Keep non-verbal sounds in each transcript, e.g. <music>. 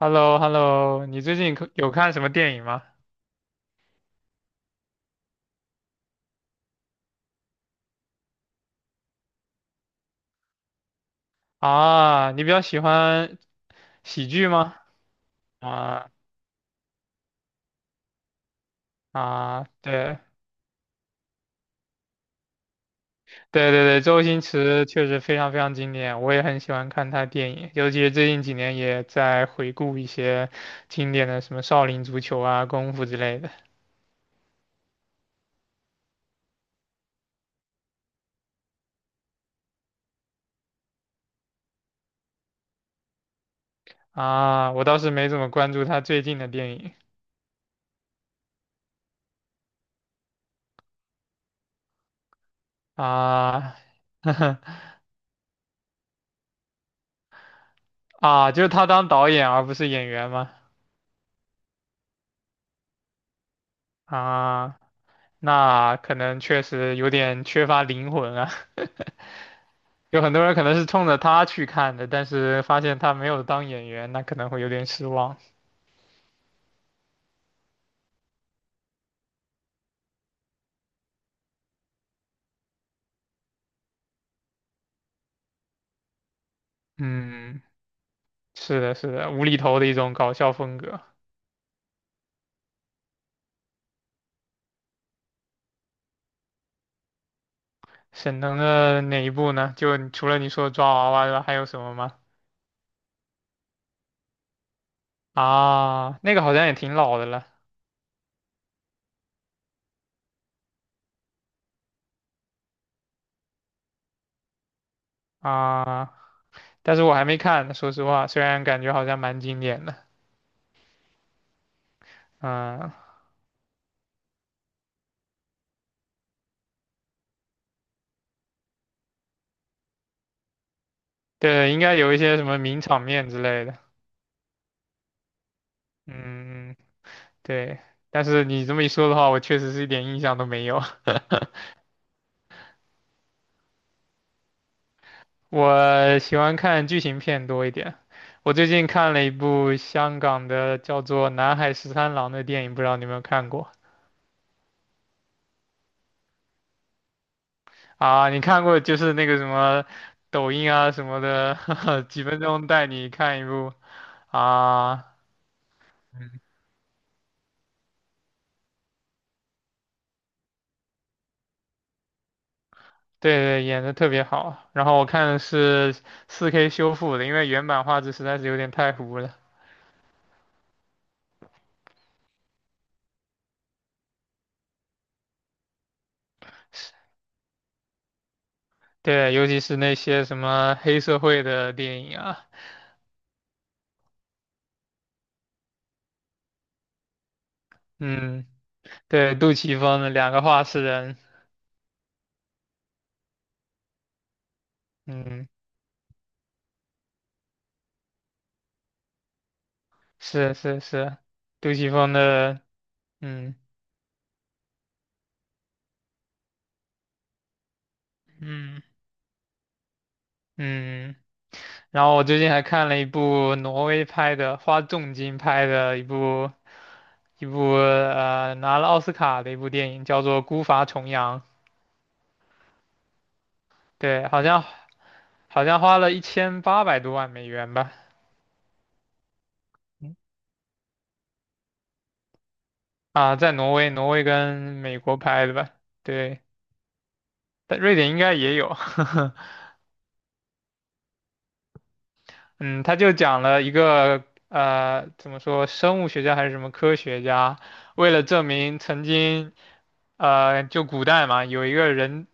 h e l l o h e l l o 你最近可有看什么电影吗？啊，你比较喜欢喜剧吗？啊啊，对对对对，周星驰确实非常非常经典，我也很喜欢看他电影，尤其是最近几年也在回顾一些经典的什么《少林足球》啊、《功夫》之类的。啊，我倒是没怎么关注他最近的电影啊。 <laughs> 啊，就是他当导演而不是演员吗？啊。那可能确实有点缺乏灵魂啊。<laughs> 有很多人可能是冲着他去看的，但是发现他没有当演员，那可能会有点失望。嗯，是的，是的，无厘头的一种搞笑风格。沈腾的哪一部呢？就除了你说抓娃娃之外，还有什么吗？啊，那个好像也挺老的了。啊，但是我还没看呢，说实话，虽然感觉好像蛮经典的。嗯，对，应该有一些什么名场面之类的。嗯。对，但是你这么一说的话，我确实是一点印象都没有。<laughs> 我喜欢看剧情片多一点。我最近看了一部香港的叫做《南海十三郎》的电影，不知道你有没有看过。啊？你看过就是那个什么抖音啊什么的，<laughs> 几分钟带你看一部。啊？对对，演的特别好。然后我看的是4K 修复的，因为原版画质实在是有点太糊了。<laughs> 对，尤其是那些什么黑社会的电影啊。嗯，对，杜琪峰的两个画室人，嗯，是是是，杜琪峰的，嗯嗯嗯，然后我最近还看了一部挪威拍的，花重金拍的一部拿了奥斯卡的一部电影，叫做《孤筏重洋》，对，好像花了1800多万美元吧，嗯。啊，在挪威，挪威跟美国拍的吧，对，但瑞典应该也有。<laughs> 嗯，他就讲了一个怎么说，生物学家还是什么科学家，为了证明曾经，就古代嘛，有一个人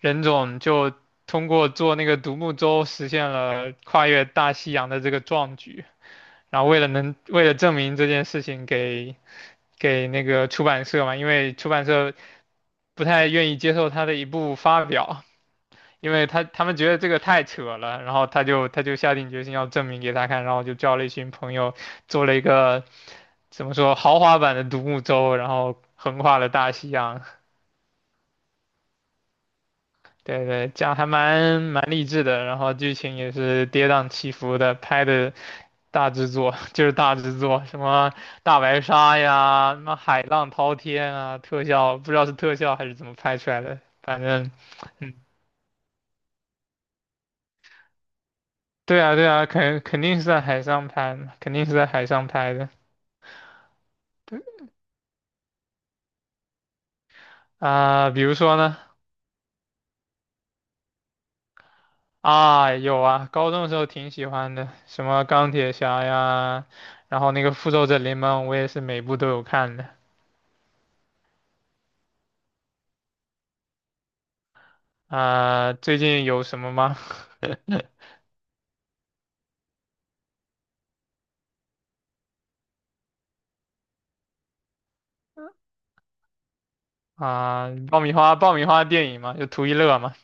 人种就通过做那个独木舟实现了跨越大西洋的这个壮举，然后为了证明这件事情给那个出版社嘛，因为出版社不太愿意接受他的一部发表，因为他们觉得这个太扯了，然后他就下定决心要证明给他看，然后就叫了一群朋友做了一个怎么说豪华版的独木舟，然后横跨了大西洋。对对，这样还蛮励志的，然后剧情也是跌宕起伏的，拍的大制作。 <laughs> 就是大制作，什么大白鲨呀，什么海浪滔天啊，特效不知道是特效还是怎么拍出来的，反正对啊对啊，肯定是在海上拍的，肯定是在海上拍的。啊、比如说呢？啊，有啊，高中的时候挺喜欢的，什么钢铁侠呀，然后那个复仇者联盟，我也是每部都有看的。啊、最近有什么吗？<laughs> 啊、爆米花，爆米花电影嘛，就图一乐嘛。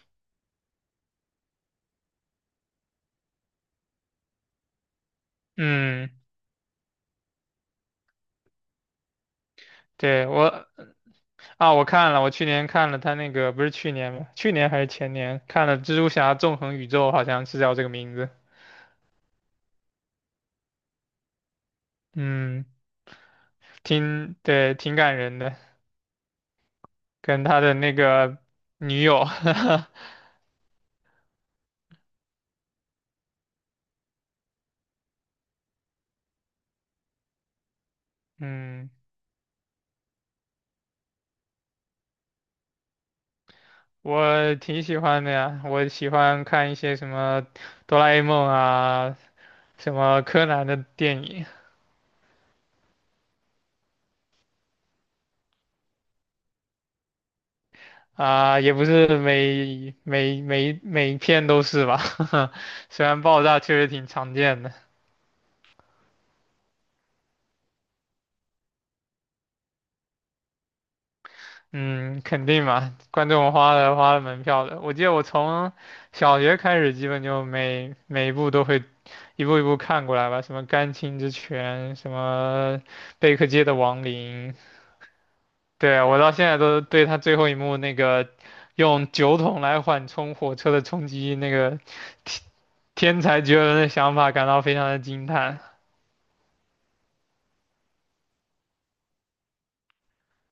嗯，对，我啊，我看了，我去年看了他那个，不是去年吗？去年还是前年看了《蜘蛛侠：纵横宇宙》，好像是叫这个名字。嗯，挺，对，挺感人的，跟他的那个女友。<laughs> 嗯，我挺喜欢的呀，我喜欢看一些什么哆啦 A 梦啊，什么柯南的电影。啊，也不是每一篇都是吧，<laughs> 虽然爆炸确实挺常见的，嗯，肯定嘛，观众花了门票的，我记得我从小学开始，基本就每一部都会一步一步看过来吧，什么《甘青之拳》，什么《贝克街的亡灵》。对啊，我到现在都对他最后一幕那个用酒桶来缓冲火车的冲击那个天天才绝伦的想法感到非常的惊叹。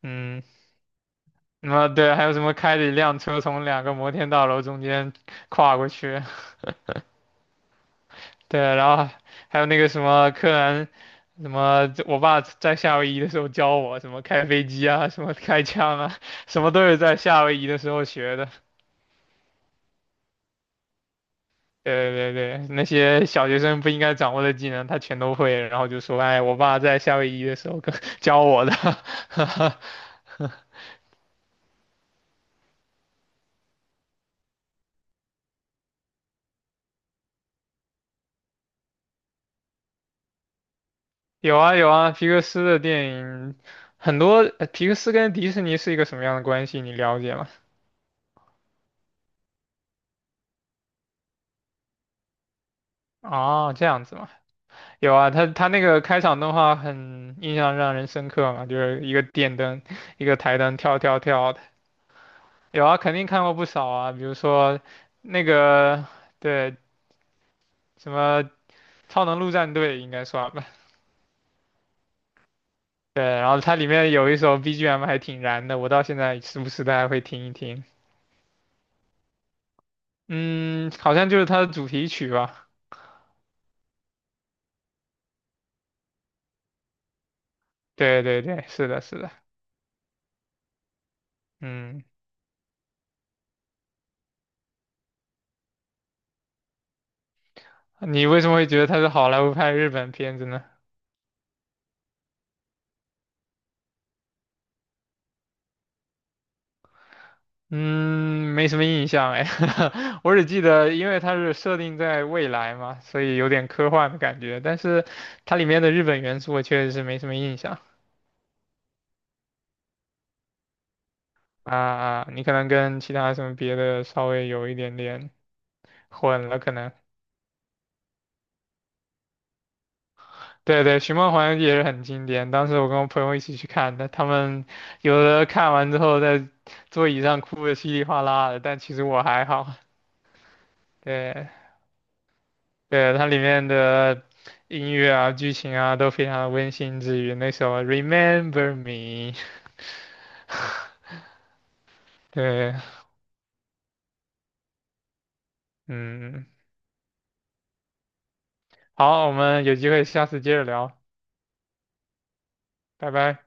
嗯，什么对，还有什么开着一辆车从两个摩天大楼中间跨过去？对，然后还有那个什么柯南，什么我爸在夏威夷的时候教我什么开飞机啊，什么开枪啊，什么都是在夏威夷的时候学的。对对对，那些小学生不应该掌握的技能，他全都会，然后就说：“哎，我爸在夏威夷的时候跟 <laughs> 教我的。<laughs>”有啊有啊，皮克斯的电影很多，呃皮克斯跟迪士尼是一个什么样的关系？你了解吗？哦，这样子嘛，有啊，他那个开场动画很印象让人深刻嘛，就是一个电灯，一个台灯跳跳跳的。有啊，肯定看过不少啊，比如说那个对什么超能陆战队应该算吧。<laughs> 对，然后它里面有一首 BGM 还挺燃的，我到现在时不时的还会听一听。嗯，好像就是它的主题曲吧。对对对，是的，是的。嗯，你为什么会觉得它是好莱坞拍日本片子呢？嗯，没什么印象哎。<laughs> 我只记得因为它是设定在未来嘛，所以有点科幻的感觉。但是它里面的日本元素我确实是没什么印象啊。啊，你可能跟其他什么别的稍微有一点点混了，可能。对对，《寻梦环游记》也是很经典。当时我跟我朋友一起去看的，他们有的看完之后在座椅上哭的稀里哗啦的，但其实我还好。对对，它里面的音乐啊、剧情啊都非常的温馨治愈。那首《Remember Me》，对，嗯，好，我们有机会下次接着聊，拜拜。